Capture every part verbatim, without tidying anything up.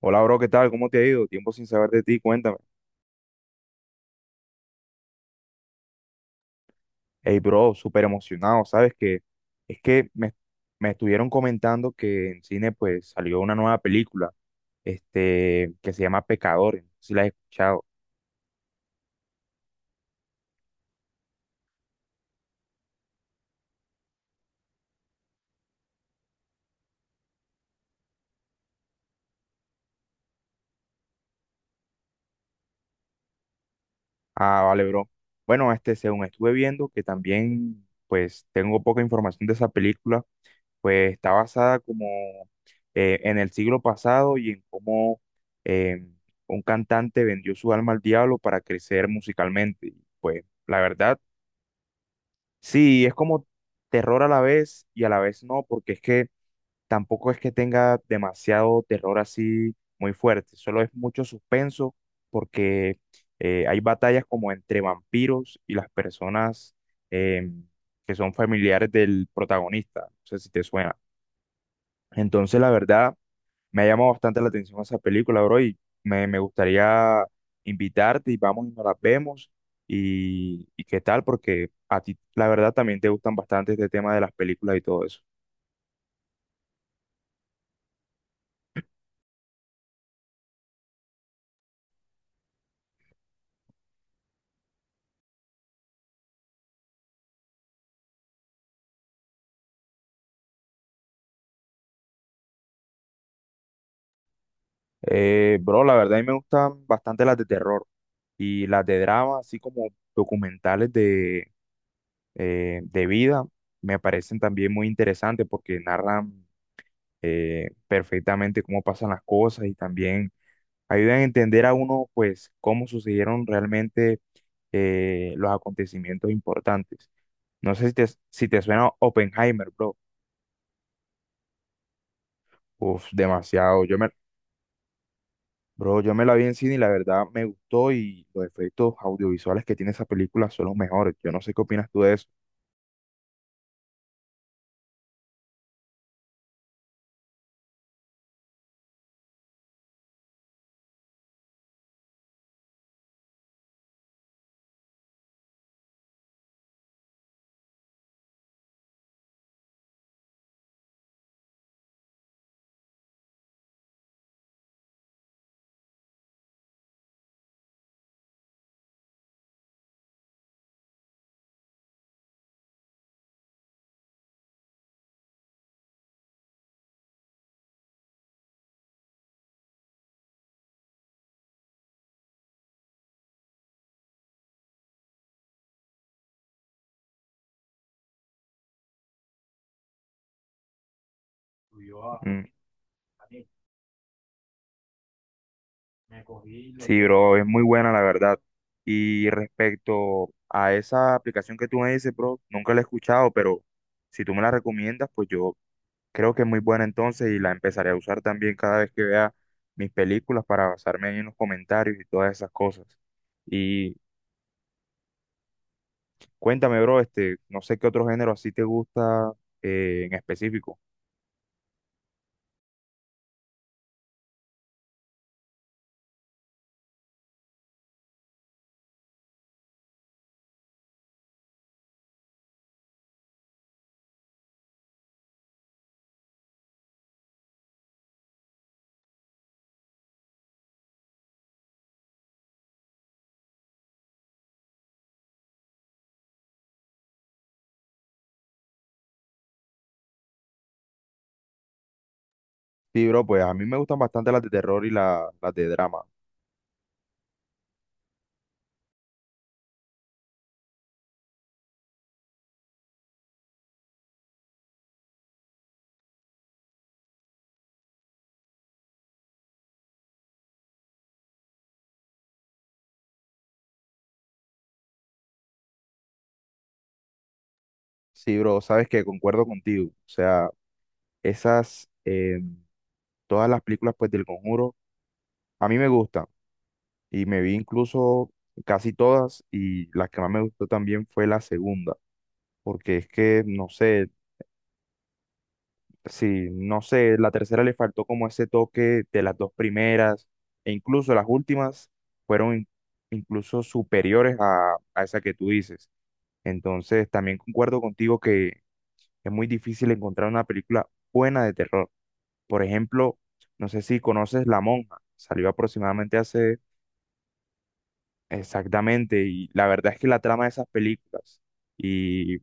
Hola, bro, ¿qué tal? ¿Cómo te ha ido? Tiempo sin saber de ti, cuéntame. Hey, bro, súper emocionado, ¿sabes qué? Es que me, Me estuvieron comentando que en cine pues salió una nueva película, este, que se llama Pecadores, no sé si la has escuchado. Ah, vale, bro. Bueno, este, según estuve viendo, que también pues tengo poca información de esa película, pues está basada como eh, en el siglo pasado y en cómo eh, un cantante vendió su alma al diablo para crecer musicalmente. Y, pues la verdad, sí, es como terror a la vez y a la vez no, porque es que tampoco es que tenga demasiado terror así muy fuerte, solo es mucho suspenso porque eh, hay batallas como entre vampiros y las personas em, que son familiares del protagonista. No sé si te suena. Entonces, la verdad, me ha llamado bastante la atención esa película, bro, y me, me gustaría invitarte y vamos y nos las vemos. Y, y qué tal, porque a ti, la verdad, también te gustan bastante este tema de las películas y todo eso. Eh, bro, la verdad, a mí me gustan bastante las de terror y las de drama, así como documentales de, eh, de vida, me parecen también muy interesantes porque narran eh, perfectamente cómo pasan las cosas y también ayudan a entender a uno, pues, cómo sucedieron realmente eh, los acontecimientos importantes. No sé si te, si te suena Oppenheimer, bro. Uf, demasiado. Yo me, bro, yo me la vi en cine y la verdad me gustó y los efectos audiovisuales que tiene esa película son los mejores. Yo no sé qué opinas tú de eso. Mm. Sí, bro, es muy buena la verdad. Y respecto a esa aplicación que tú me dices, bro, nunca la he escuchado, pero si tú me la recomiendas, pues yo creo que es muy buena entonces y la empezaré a usar también cada vez que vea mis películas para basarme ahí en los comentarios y todas esas cosas. Y cuéntame, bro, este, no sé qué otro género así te gusta eh, en específico. Sí, bro, pues a mí me gustan bastante las de terror y la- las de drama. Sí, bro, sabes que concuerdo contigo. O sea, esas, eh, todas las películas pues del Conjuro, a mí me gustan. Y me vi incluso casi todas y las que más me gustó también fue la segunda. Porque es que, no sé, sí, no sé, la tercera le faltó como ese toque de las dos primeras, e incluso las últimas fueron in- incluso superiores a, a esa que tú dices. Entonces, también concuerdo contigo que es muy difícil encontrar una película buena de terror. Por ejemplo, no sé si conoces La Monja, salió aproximadamente hace exactamente, y la verdad es que la trama de esas películas, y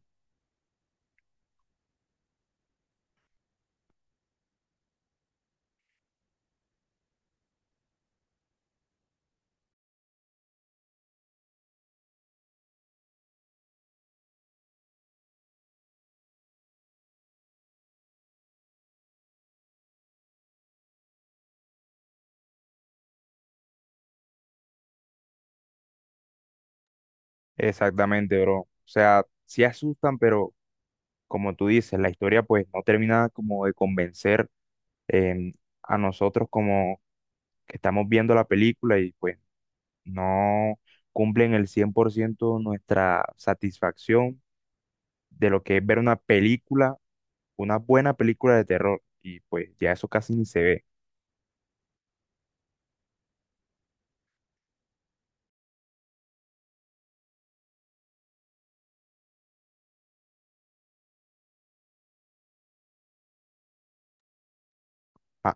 exactamente, bro, o sea, sí asustan, pero como tú dices, la historia pues no termina como de convencer eh, a nosotros como que estamos viendo la película y pues no cumplen el cien por ciento nuestra satisfacción de lo que es ver una película, una buena película de terror y pues ya eso casi ni se ve. Ah,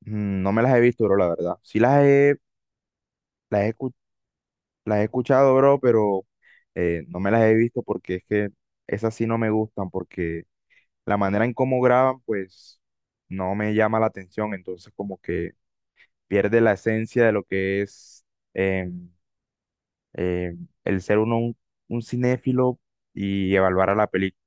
mm, no me las he visto, bro, la verdad. Sí las he, las he, escu- las he escuchado, bro, pero eh, no me las he visto porque es que esas sí no me gustan porque la manera en cómo graban, pues no me llama la atención, entonces como que pierde la esencia de lo que es eh, eh, el ser uno un, un cinéfilo y evaluar a la película.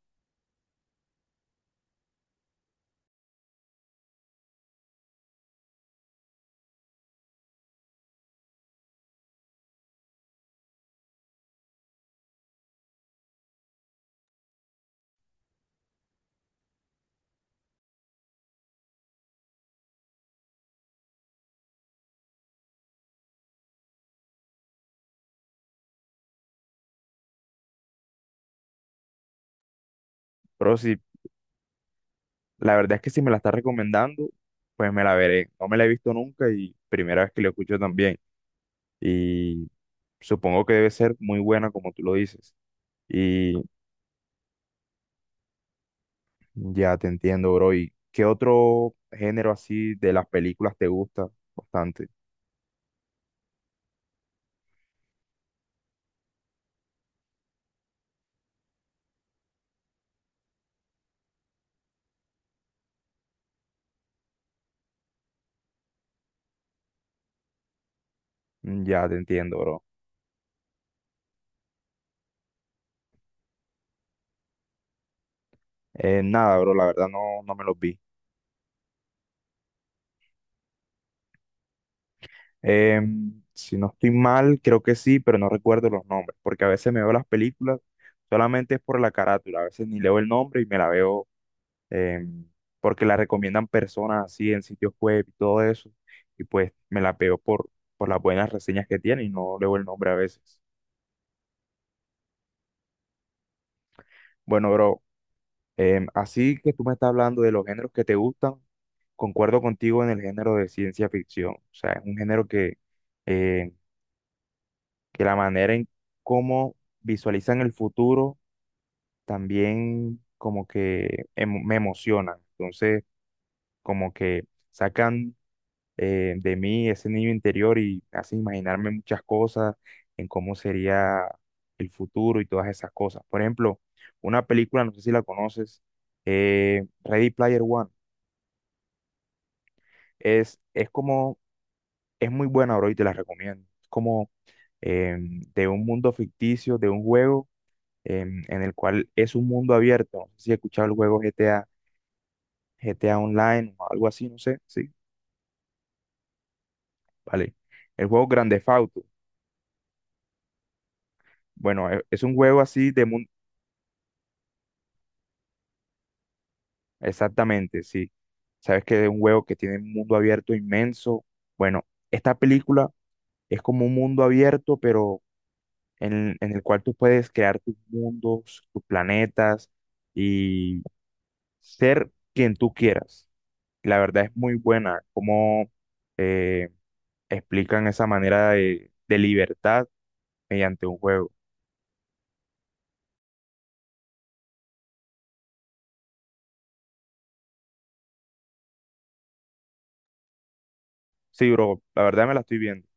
Pero si la verdad es que si me la está recomendando, pues me la veré. No me la he visto nunca y primera vez que la escucho también. Y supongo que debe ser muy buena como tú lo dices. Y ya te entiendo, bro. ¿Y qué otro género así de las películas te gusta bastante? Mm, ya te entiendo, bro. Eh, nada, bro, la verdad no, no me los vi. Em, si no estoy mal, creo que sí, pero no recuerdo los nombres, porque a veces me veo las películas solamente es por la carátula, a veces ni leo el nombre y me la veo em, porque la recomiendan personas así en sitios web y todo eso, y pues me la veo por, por las buenas reseñas que tiene y no leo el nombre a veces. Bueno, bro, em, así que tú me estás hablando de los géneros que te gustan, concuerdo contigo en el género de ciencia ficción. O sea, es un género que, eh, que la manera en cómo visualizan el futuro también como que em- me emociona. Entonces, como que sacan eh, de mí ese niño interior y hacen imaginarme muchas cosas en cómo sería el futuro y todas esas cosas. Por ejemplo, una película, no sé si la conoces, eh, Ready Player One. Es, es como, es muy buena, bro, y te la recomiendo. Es como em, de un mundo ficticio, de un juego em, en el cual es un mundo abierto. No sé si he escuchado el juego G T A, G T A Online o algo así, no sé. Sí, vale. El juego Grand Theft Auto. Bueno, e- es un juego así de mundo. Exactamente, sí. Sabes que es un juego que tiene un mundo abierto inmenso. Bueno, esta película es como un mundo abierto, pero en, en el cual tú puedes crear tus mundos, tus planetas y ser quien tú quieras. La verdad es muy buena cómo eh, explican esa manera de, de libertad mediante un juego. Sí, bro, la verdad me la estoy viendo.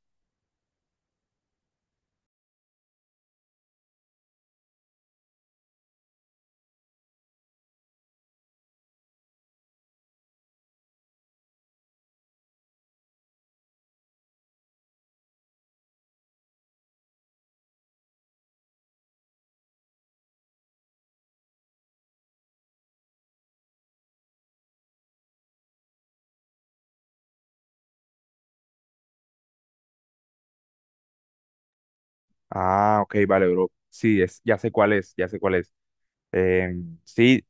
Ah, ok, vale, bro. Sí, es, ya sé cuál es, ya sé cuál es. Em, sí,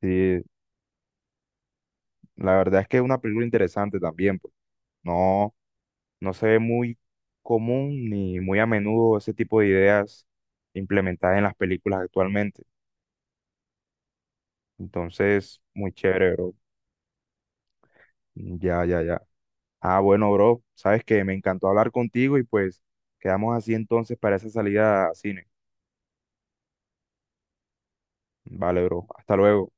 sí, la verdad es que es una película interesante también, pues. No. No se ve muy común ni muy a menudo ese tipo de ideas implementadas en las películas actualmente. Entonces, muy chévere, bro. Ya, ya, ya. Ah, bueno, bro, sabes que me encantó hablar contigo y pues quedamos así entonces para esa salida a cine. Vale, bro. Hasta luego.